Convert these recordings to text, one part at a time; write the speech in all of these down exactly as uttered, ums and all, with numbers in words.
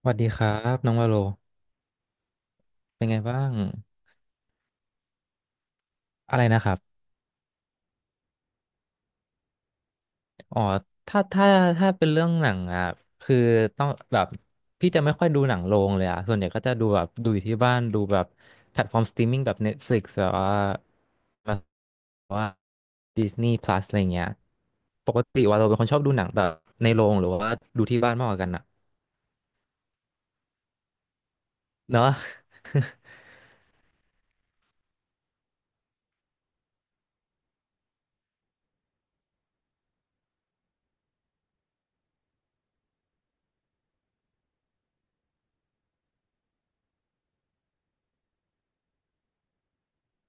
สวัสดีครับน้องวาโลเป็นไงบ้างอะไรนะครับอ๋อถ้าถ้าถ้าเป็นเรื่องหนังอ่ะคือต้องแบบพี่จะไม่ค่อยดูหนังโรงเลยอ่ะส่วนใหญ่ก็จะดูแบบดูอยู่ที่บ้านดูแบบแพลตฟอร์มสตรีมมิ่งแบบ Netflix แบบว่าแบบว่า Disney Plus อะไรเงี้ยปกติว่าเราเป็นคนชอบดูหนังแบบในโรงหรือว่าดูที่บ้านมากกว่ากันอ่ะเนอะ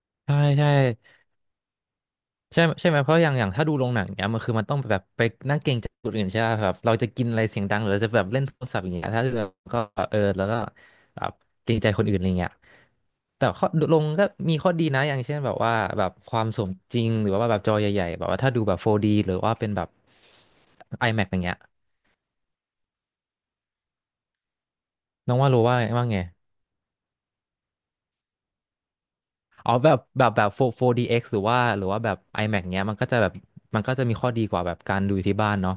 ใช่ใช่ ใช่ใช่ไหมเพราะอย่างอย่างถ้าดูโรงหนังเนี้ยมันคือมันต้องแบบไปนั่งเกรงใจคนอื่นใช่ไหมครับเราจะกินอะไรเสียงดังหรือจะแบบเล่นโทรศัพท์อย่างเงี้ยถ้าเราก็เออแล้วก็แบบเกรงใจคนอื่นอะไรเงี้ยแต่ข้อลงก็มีข้อดีนะอย่างเช่นแบบว่าแบบความสมจริงหรือว่าแบบจอใหญ่ๆแบบว่าถ้าดูแบบ โฟร์ดี หรือว่าเป็นแบบ IMAX อย่างเงี้ยน้องว่ารู้ว่าว่าไงอ๋อแบบแบบแบบ โฟร์- d x หรือว่าหรือว่าแบบ IMAX เงี้ยมันก็จะแบบมันก็จะมีข้อดีกว่าแบบการดูที่บ้านเนาะ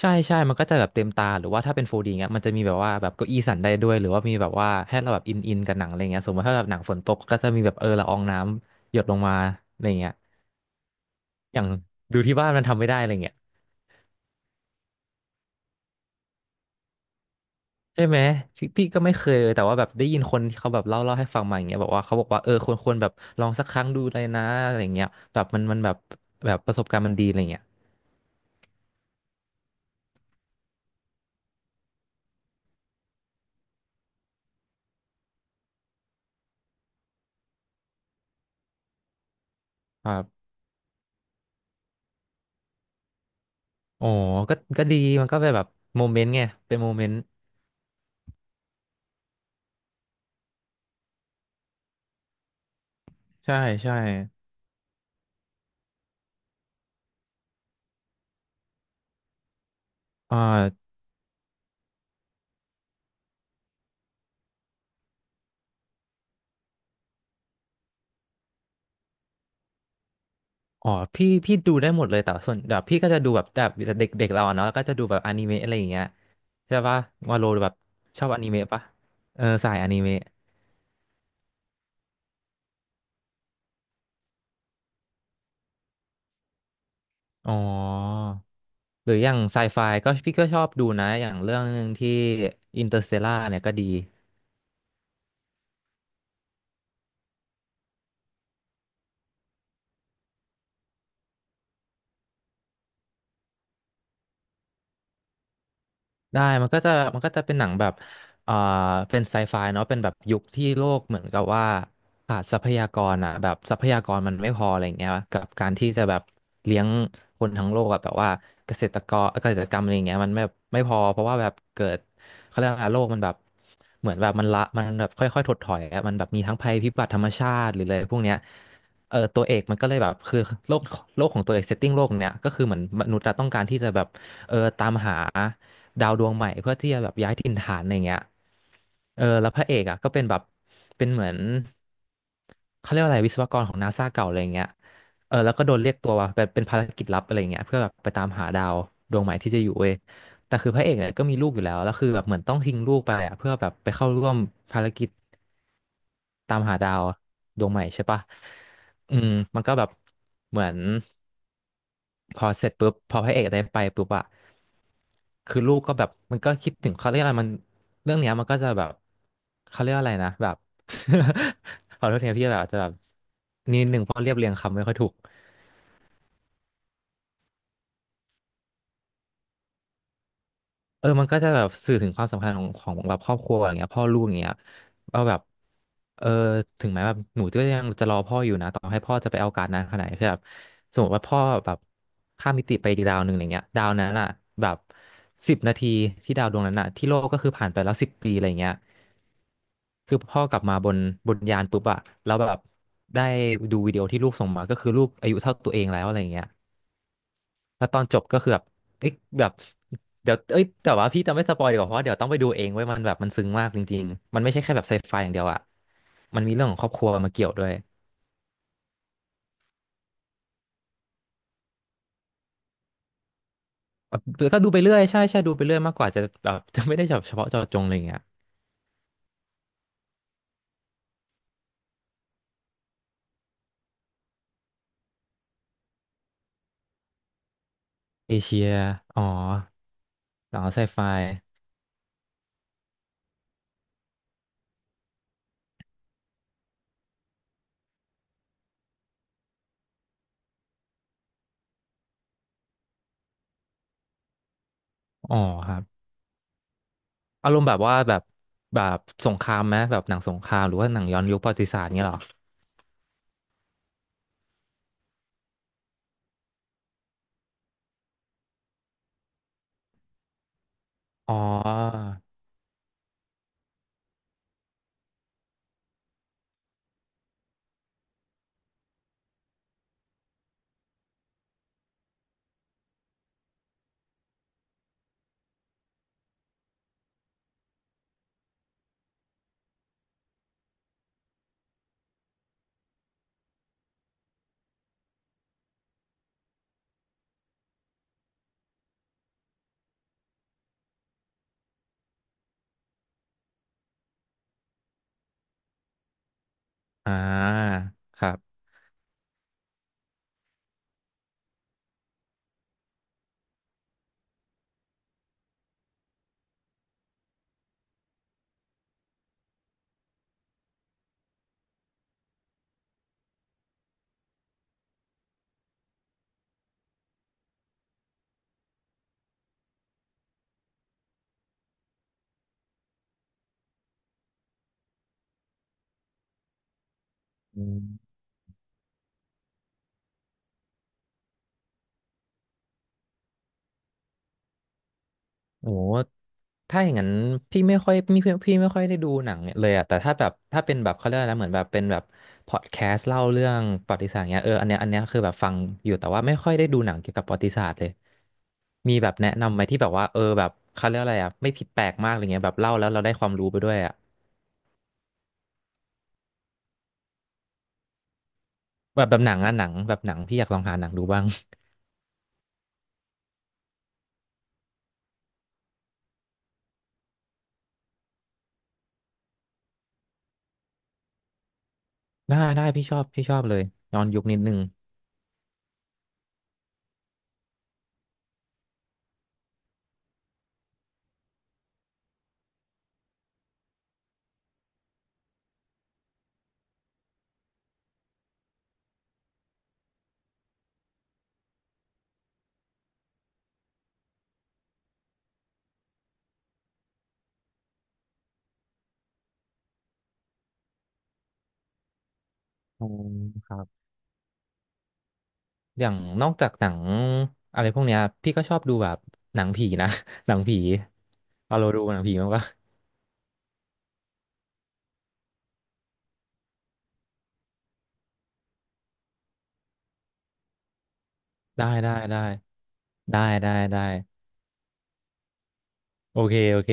ใช่ใช่ มันก็จะแบบเต็มตา หรือว่าถ้าเป็น โฟร์ดี เงี้ยมันจะมีแบบว่าแบบเก้าอี้สั่นได้ด้วย หรือว่ามีแบบว่าให้เราแบบอินอินกับหนังอะไรเงี้ยสมมติถ้าแบบหนังฝนตกก็จะมีแบบเออละอองน้ำหยดลงมาอะไรเงี้ยอย่างดูที่บ้านมันทำไม่ได้อะไรเงี้ยใช่ไหมพี่พี่ก็ไม่เคยแต่ว่าแบบได้ยินคนที่เขาแบบเล่าเล่าให้ฟังมาอย่างเงี้ยบอกว่าเขาบอกว่าเออควรควรแบบลองสักครั้งดูเลยนะอะไรเงี้ยแบบมันมันแบบแบบประสบการณ์มันดีอะไรเงี้ยครับโอ้ก็ก็ดีมันก็เป็นแบบโมเมนต์ไงเป็นโมเมนต์ใช่ใช่อ่า อ๋อพี่พี่ดูได้หมดเลยแต่ว่าส่วนแบบพี่ก็จะดูแบบแบบเด็กเด็กเราอะเนาะแล้วก็จะดูแบบอนิเมะอะไรอย่างเงี้ยใช่ปะวาโลแบบชอบอนิเมะปะเออสายอนิเมะอ๋อหรืออย่างไซไฟก็พี่ก็ชอบดูนะอย่างเรื่องหนึ่งที่อินเตอร์สเตลาเนี่ยก็ดี ได้มันก็จะมันก็จะเป็นหนังแบบเอ่อเป็นไซไฟเนาะเป็นแบบยุคที่โลกเหมือนกับว่าขาดทรัพยากรอ่ะแบบทรัพยากรมันไม่พออะไรอย่างเงี้ยกับการที่จะแบบเลี้ยงคนทั้งโลกอะแบบว่าเกษตรกรเกษตรกรรมอะไรอย่างเงี้ยมันไม่ไม่พอเพราะว่าแบบเกิดเขาเรียกอะไรโลกมันแบบเหมือนแบบมันละมันแบบค่อยๆถดถอยอะมันแบบมีทั้งภัยพิบัติธรรมชาติหรืออะไรพวกเนี้ยเออตัวเอกมันก็เลยแบบคือโลกโลกของตัวเอกเซตติ้งโลกเนี้ยก็คือเหมือนมนุษย์อะต้องการที่จะแบบเออตามหา ดาวดวงใหม่เพื่อที่จะแบบย้ายถิ่นฐานอะไรเงี้ยเออแล้วพระเอกอ่ะก็เป็นแบบเป็นเหมือนเขาเรียกว่าอะไรวิศวกรของนาซาเก่าอะไรเงี้ยเออแล้วก็โดนเรียกตัวแบบเป็นภารกิจลับอะไรเงี้ยเพื่อแบบไปตามหาดาวดวงใหม่ที่จะอยู่เว้ยแต่คือพระเอกเนี่ยก็มีลูกอยู่แล้วแล้วคือแบบเหมือนต้องทิ้งลูกไปอ่ะเพื่อแบบไปเข้าร่วมภารกิจ ตามหาดาวดวงใหม่ใช่ปะอืมมันก็แบบเหมือนพอเสร็จปุ๊บพอพระเอกได้ไปปุ๊บอะคือลูกก็แบบมันก็คิดถึงเขาเรียกอะไรมันเรื่องเนี้ยมันก็จะแบบเขาเรียกอะไรนะแบบ ขอโทษทีนะพี่แบบอาจจะแบบนิดหนึ่งเพราะเรียบเรียงคำไม่ค่อยถูก เออมันก็จะแบบสื่อถึงความสำคัญของของแบบครอบครัวอย่างเงี้ยพ่อลูกอย่างเงี้ยว่าแบบเออถึงแม้แบบหนูก็ยังจะรอพ่ออยู่นะต่อให้พ่อจะไปเอาการดนานขนาดไหนคือแบบสมมติว่าพ่อแบบข้ามมิติไปอีกดาวหนึ่งอะไรเงี้ยดาวนั้นอ่ะแบบสิบนาทีที่ดาวดวงนั้นอ่ะที่โลกก็คือผ่านไปแล้วสิบปีอะไรเงี้ยคือพ่อกลับมาบนบนยานปุ๊บอ่ะแล้วแบบได้ดูวิดีโอที่ลูกส่งมาก็คือลูกอายุเท่าตัวเองแล้วอะไรเงี้ย แล้วตอนจบก็คือแบบ เอ้ยแบบเดี๋ยวเอ้ยแต่ว่าพี่จะไม่สปอยดีกว่าเพราะว่าเดี๋ยวต้องไปดูเองไว้ยมันแบบมันซึ้งมากจริงๆมันไม่ใช่แค่แบบไซไฟอย่างเดียวอะมันมีเรื่องของครอบครัวมาเกี่ยวด้วยแบบก็ดูไปเรื่อยใช่ใช่ดูไปเรื่อยมากกว่าจะแบบ จะไม่ได้แบบเฉพาะเจาะจงอะไรอย่างเงี้ยเอเชียอ๋อหนังไซไฟอ๋อครับ อารมณ์แบบว่าแบบแบบสงครามไหมแบบหนังสงครามหรือว่าหนังย้อนยุคประวัติศาสตร์เงี้ยเหรออ๋ออ่าครับ โอ้โห ถ้าอย่างนั้นพี่ไม่ค่อยพี่พี่ไม่ค่อยได้ดูหนังเลยอะแต่ถ้าแบบถ้าเป็นแบบเขาเรียกอะไรนะเหมือนแบบเป็นแบบพอดแคสต์เล่าเรื่องประวัติศาสตร์เงี้ยเอออันเนี้ยอันเนี้ยคือแบบฟังอยู่แต่ว่าไม่ค่อยได้ดูหนังเกี่ยวกับประวัติศาสตร์เลย มีแบบแนะนำไหมที่แบบว่าเออแบบเขาเรียกอะไรอะไม่ผิดแปลกมากอะไรเงี้ยแบบเล่าแล้วเราได้ความรู้ไปด้วยอะ แบบแบบหนังอะหนังแบบหนังพี่อยากลองหาหนังดูบ้าง ได้ได้พี่ชอบพี่ชอบเลยย้อนยุคนิดนึงอ๋อครับ อย่างนอกจากหนังอะไรพวกเนี้ยพี่ก็ชอบดูแบบหนังผีนะ หนังผีเอาเราดูหนังผีมั้างปะได้ได้ได้ได้ได้ได้โอเคโอเค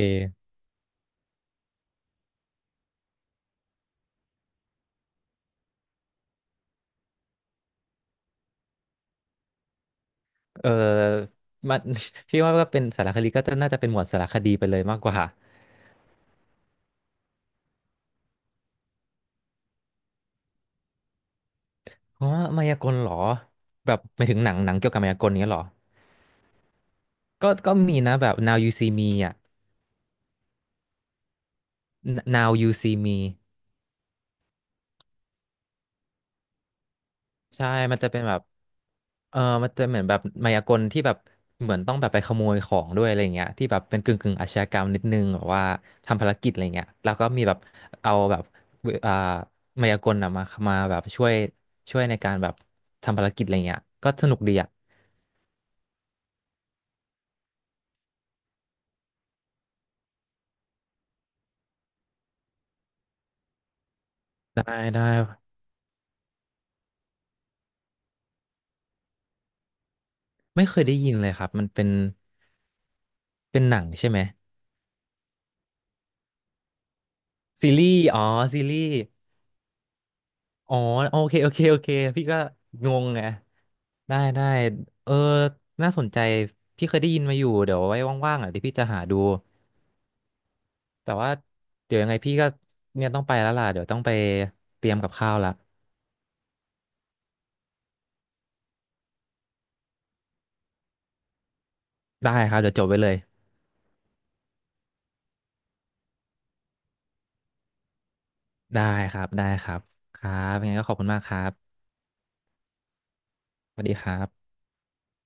เออมัน พี่ว่าก็เป็นสารคดีก็น่าจะเป็นหมวดสารคดีไปเลยมากกว่าเพราะว่ามายากลเหรอแบบไม่ถึงหนังหนังเกี่ยวกับมายากลเนี้ยเหรอก็ก็มีนะแบบ Now You See Me อ่ะ Now You See Me ใช่มันจะเป็นแบบ เออมันจะเหมือนแบบมายากลที่แบบเหมือนต้องแบบไปขโมยของด้วยอะไรเงี้ยที่แบบเป็นกึ่งกึ่งอาชญากรรมนิดนึงแบบว่าทำภารกิจอะไรเงี้ยแล้วก็มีแบบเอาแบบอ่ามายากลอะมามาแบบช่วยช่วยในการแบบทำภารกิจอะไรเงี้ยก็สนุกดีอ่ะได้ได้ไม่เคยได้ยินเลยครับมันเป็นเป็นหนังใช่ไหมซีรีส์อ๋อซีรีส์อ๋อโอเคโอเคโอเคพี่ก็งงไง ได้ได้เออน่าสนใจพี่เคยได้ยินมาอยู่เดี๋ยวไว้ว่างๆอ่ะเดี๋ยวพี่จะหาดูแต่ว่าเดี๋ยวยังไงพี่ก็เนี่ยต้องไปแล้วล่ะเดี๋ยวต้องไปเตรียมกับข้าวละได้ครับเดี๋ยวจบไว้เลยได้ครับได้ครับครับยังไงก็ขอบคุณมากครับสวัสดีครับ